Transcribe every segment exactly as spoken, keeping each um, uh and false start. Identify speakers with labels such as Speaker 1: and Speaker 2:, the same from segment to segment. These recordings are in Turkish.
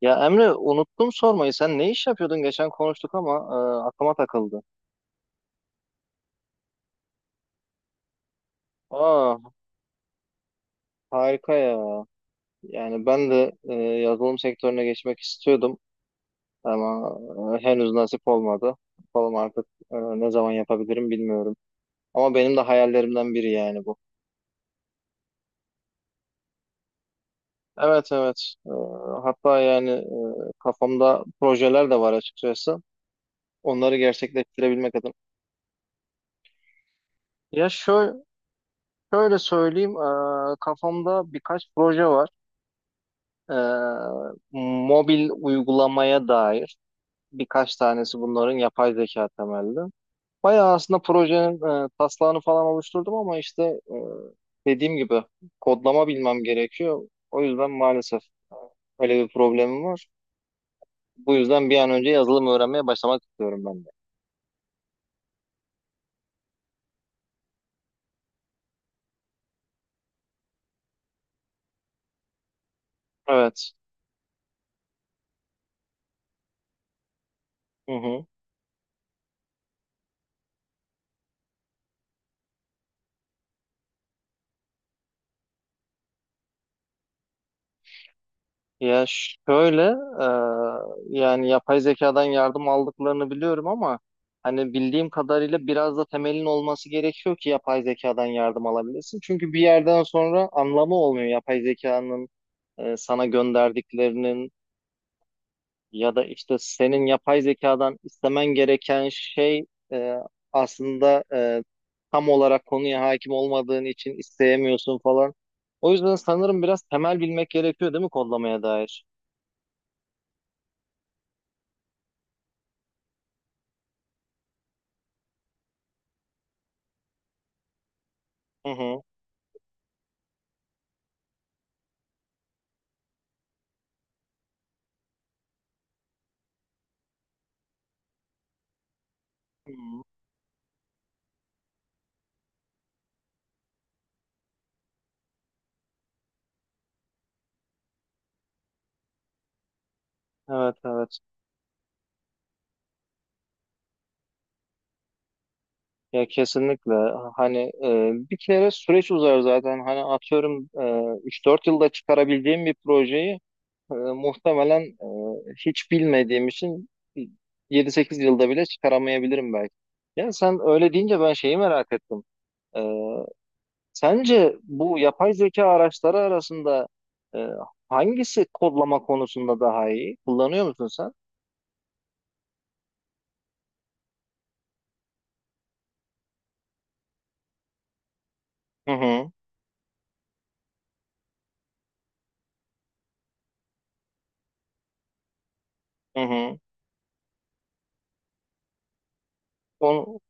Speaker 1: Ya Emre unuttum sormayı. Sen ne iş yapıyordun? Geçen konuştuk ama e, aklıma takıldı. Aa, harika ya. Yani ben de e, yazılım sektörüne geçmek istiyordum ama e, henüz nasip olmadı. Bakalım artık e, ne zaman yapabilirim bilmiyorum. Ama benim de hayallerimden biri yani bu. Evet, evet. E, hatta yani e, kafamda projeler de var açıkçası. Onları gerçekleştirebilmek adına. Ya şöyle, şöyle söyleyeyim. E, kafamda birkaç proje var. Ee, mobil uygulamaya dair birkaç tanesi bunların yapay zeka temelli. Bayağı aslında projenin e, taslağını falan oluşturdum ama işte e, dediğim gibi kodlama bilmem gerekiyor. O yüzden maalesef öyle bir problemim var. Bu yüzden bir an önce yazılım öğrenmeye başlamak istiyorum ben de. Evet. Hı hı. Ya şöyle, e, yani yapay zekadan yardım aldıklarını biliyorum ama hani bildiğim kadarıyla biraz da temelin olması gerekiyor ki yapay zekadan yardım alabilirsin. Çünkü bir yerden sonra anlamı olmuyor yapay zekanın e, sana gönderdiklerinin ya da işte senin yapay zekadan istemen gereken şey e, aslında e, tam olarak konuya hakim olmadığın için isteyemiyorsun falan. O yüzden sanırım biraz temel bilmek gerekiyor değil mi kodlamaya dair? Hı hı. Hmm. Evet, evet, ya kesinlikle, hani e, bir kere süreç uzar zaten hani atıyorum e, üç dört yılda çıkarabildiğim bir projeyi e, muhtemelen e, hiç bilmediğim için yedi sekiz yılda bile çıkaramayabilirim belki. Ya sen öyle deyince ben şeyi merak ettim. E, sence bu yapay zeka araçları arasında e, hangisi kodlama konusunda daha iyi? Kullanıyor musun sen? Hı hı, hı hı. Onu,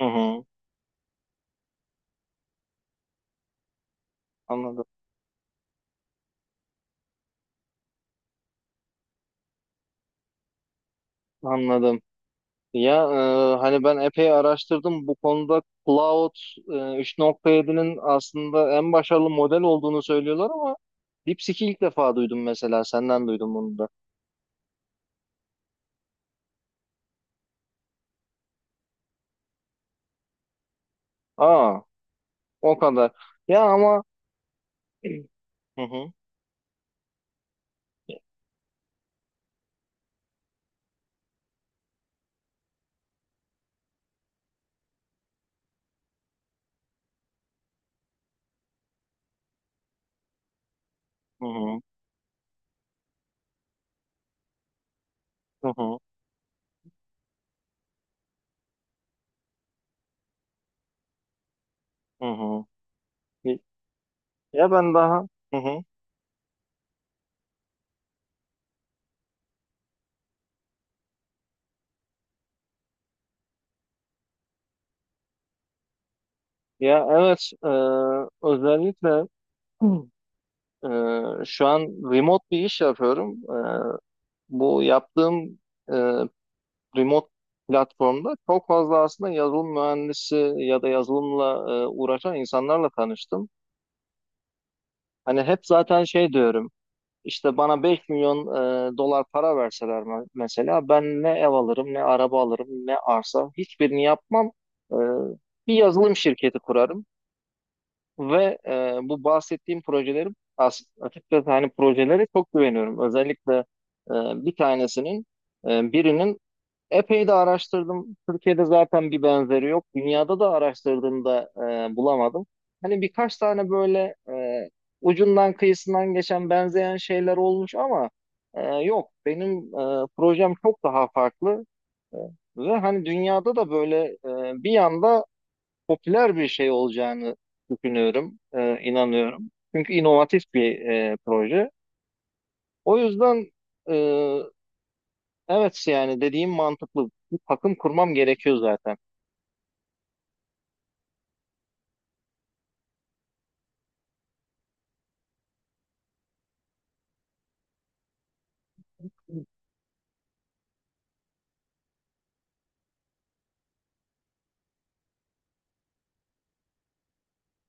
Speaker 1: hı hı. Anladım. Anladım. Ya e, hani ben epey araştırdım bu konuda Cloud e, üç nokta yedinin aslında en başarılı model olduğunu söylüyorlar ama DeepSeek'i ilk defa duydum, mesela senden duydum bunu da. Aa, o kadar. Ya ama, hı hı, hı hı, hı hı. Hı hı. Ya ben daha. Hı hı. Ya evet, e, özellikle. Hı. E, şu an remote bir iş yapıyorum. E, bu yaptığım e, remote platformda çok fazla aslında yazılım mühendisi ya da yazılımla e, uğraşan insanlarla tanıştım. Hani hep zaten şey diyorum. İşte bana beş milyon e, dolar para verseler, me- mesela ben ne ev alırım, ne araba alırım, ne arsa, hiçbirini yapmam. E, bir yazılım şirketi kurarım ve e, bu bahsettiğim projeleri, as- açıkçası hani projelere çok güveniyorum. Özellikle e, bir tanesinin, e, birinin. Epey de araştırdım. Türkiye'de zaten bir benzeri yok. Dünyada da araştırdığımda e, bulamadım. Hani birkaç tane böyle e, ucundan kıyısından geçen benzeyen şeyler olmuş ama e, yok. Benim e, projem çok daha farklı. E, ve hani dünyada da böyle e, bir anda popüler bir şey olacağını düşünüyorum, e, inanıyorum. Çünkü inovatif bir e, proje. O yüzden e, evet, yani dediğim mantıklı. Bir takım kurmam gerekiyor zaten.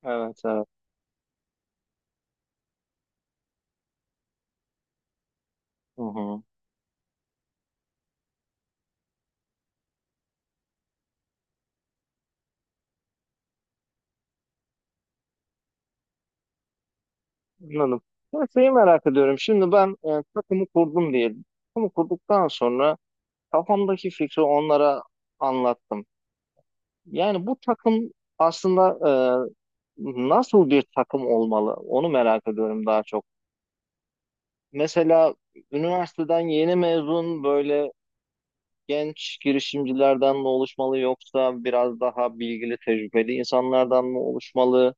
Speaker 1: Evet, evet. Hı hı. Anladım. Ben şeyi merak ediyorum. Şimdi ben e, takımı kurdum diyelim. Takımı kurduktan sonra kafamdaki fikri onlara anlattım. Yani bu takım aslında e, nasıl bir takım olmalı? Onu merak ediyorum daha çok. Mesela üniversiteden yeni mezun böyle genç girişimcilerden mi oluşmalı yoksa biraz daha bilgili, tecrübeli insanlardan mı oluşmalı?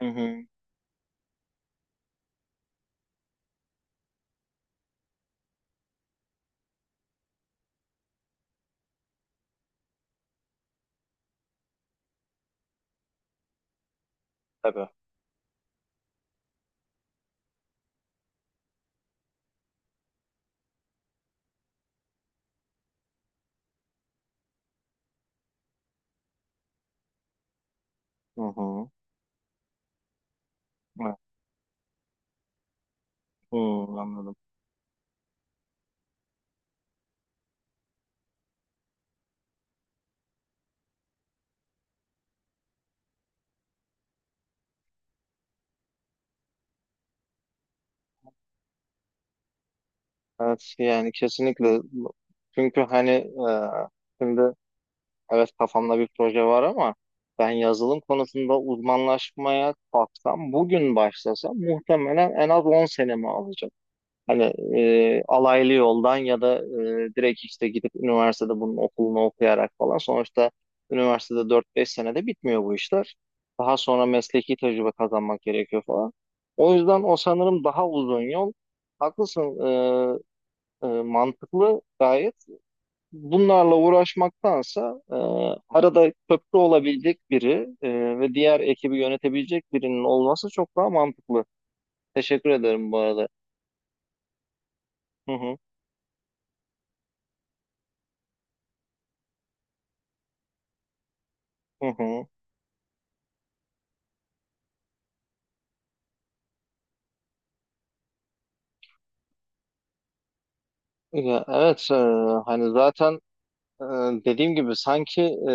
Speaker 1: Hı hı. Tabii. Hı hı. Evet. Hı, anladım. Evet, yani kesinlikle. Çünkü hani e, şimdi, evet, kafamda bir proje var ama ben yazılım konusunda uzmanlaşmaya kalksam, bugün başlasam muhtemelen en az on senemi alacak. Hani e, alaylı yoldan ya da e, direkt işte gidip üniversitede bunun okulunu okuyarak falan. Sonuçta üniversitede dört beş senede bitmiyor bu işler. Daha sonra mesleki tecrübe kazanmak gerekiyor falan. O yüzden o sanırım daha uzun yol. Haklısın. E, e, mantıklı gayet. Bunlarla uğraşmaktansa e, arada köprü olabilecek biri e, ve diğer ekibi yönetebilecek birinin olması çok daha mantıklı. Teşekkür ederim bu arada. Hı hı, hı hı. Ya, evet, e, hani zaten e, dediğim gibi sanki e,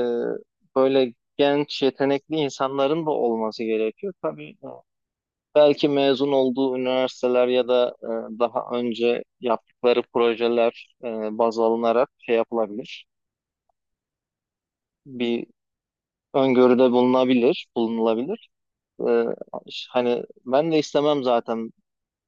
Speaker 1: böyle genç yetenekli insanların da olması gerekiyor. Tabii e, belki mezun olduğu üniversiteler ya da e, daha önce yaptıkları projeler e, baz alınarak şey yapılabilir. Bir öngörüde bulunabilir, bulunulabilir. Ee, hani ben de istemem zaten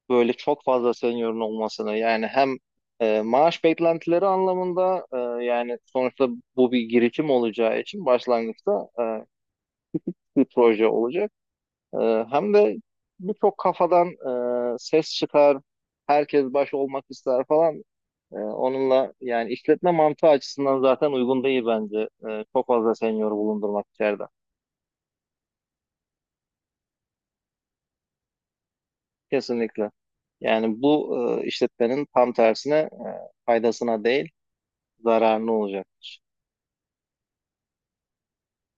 Speaker 1: böyle çok fazla seniorun olmasını. Yani hem e, maaş beklentileri anlamında e, yani sonuçta bu bir girişim olacağı için başlangıçta e, bir proje olacak. E, hem de birçok kafadan e, ses çıkar, herkes baş olmak ister falan. E, onunla yani işletme mantığı açısından zaten uygun değil bence. E, çok fazla senior bulundurmak içeride. Kesinlikle. Yani bu e, işletmenin tam tersine e, faydasına değil, zararına olacak.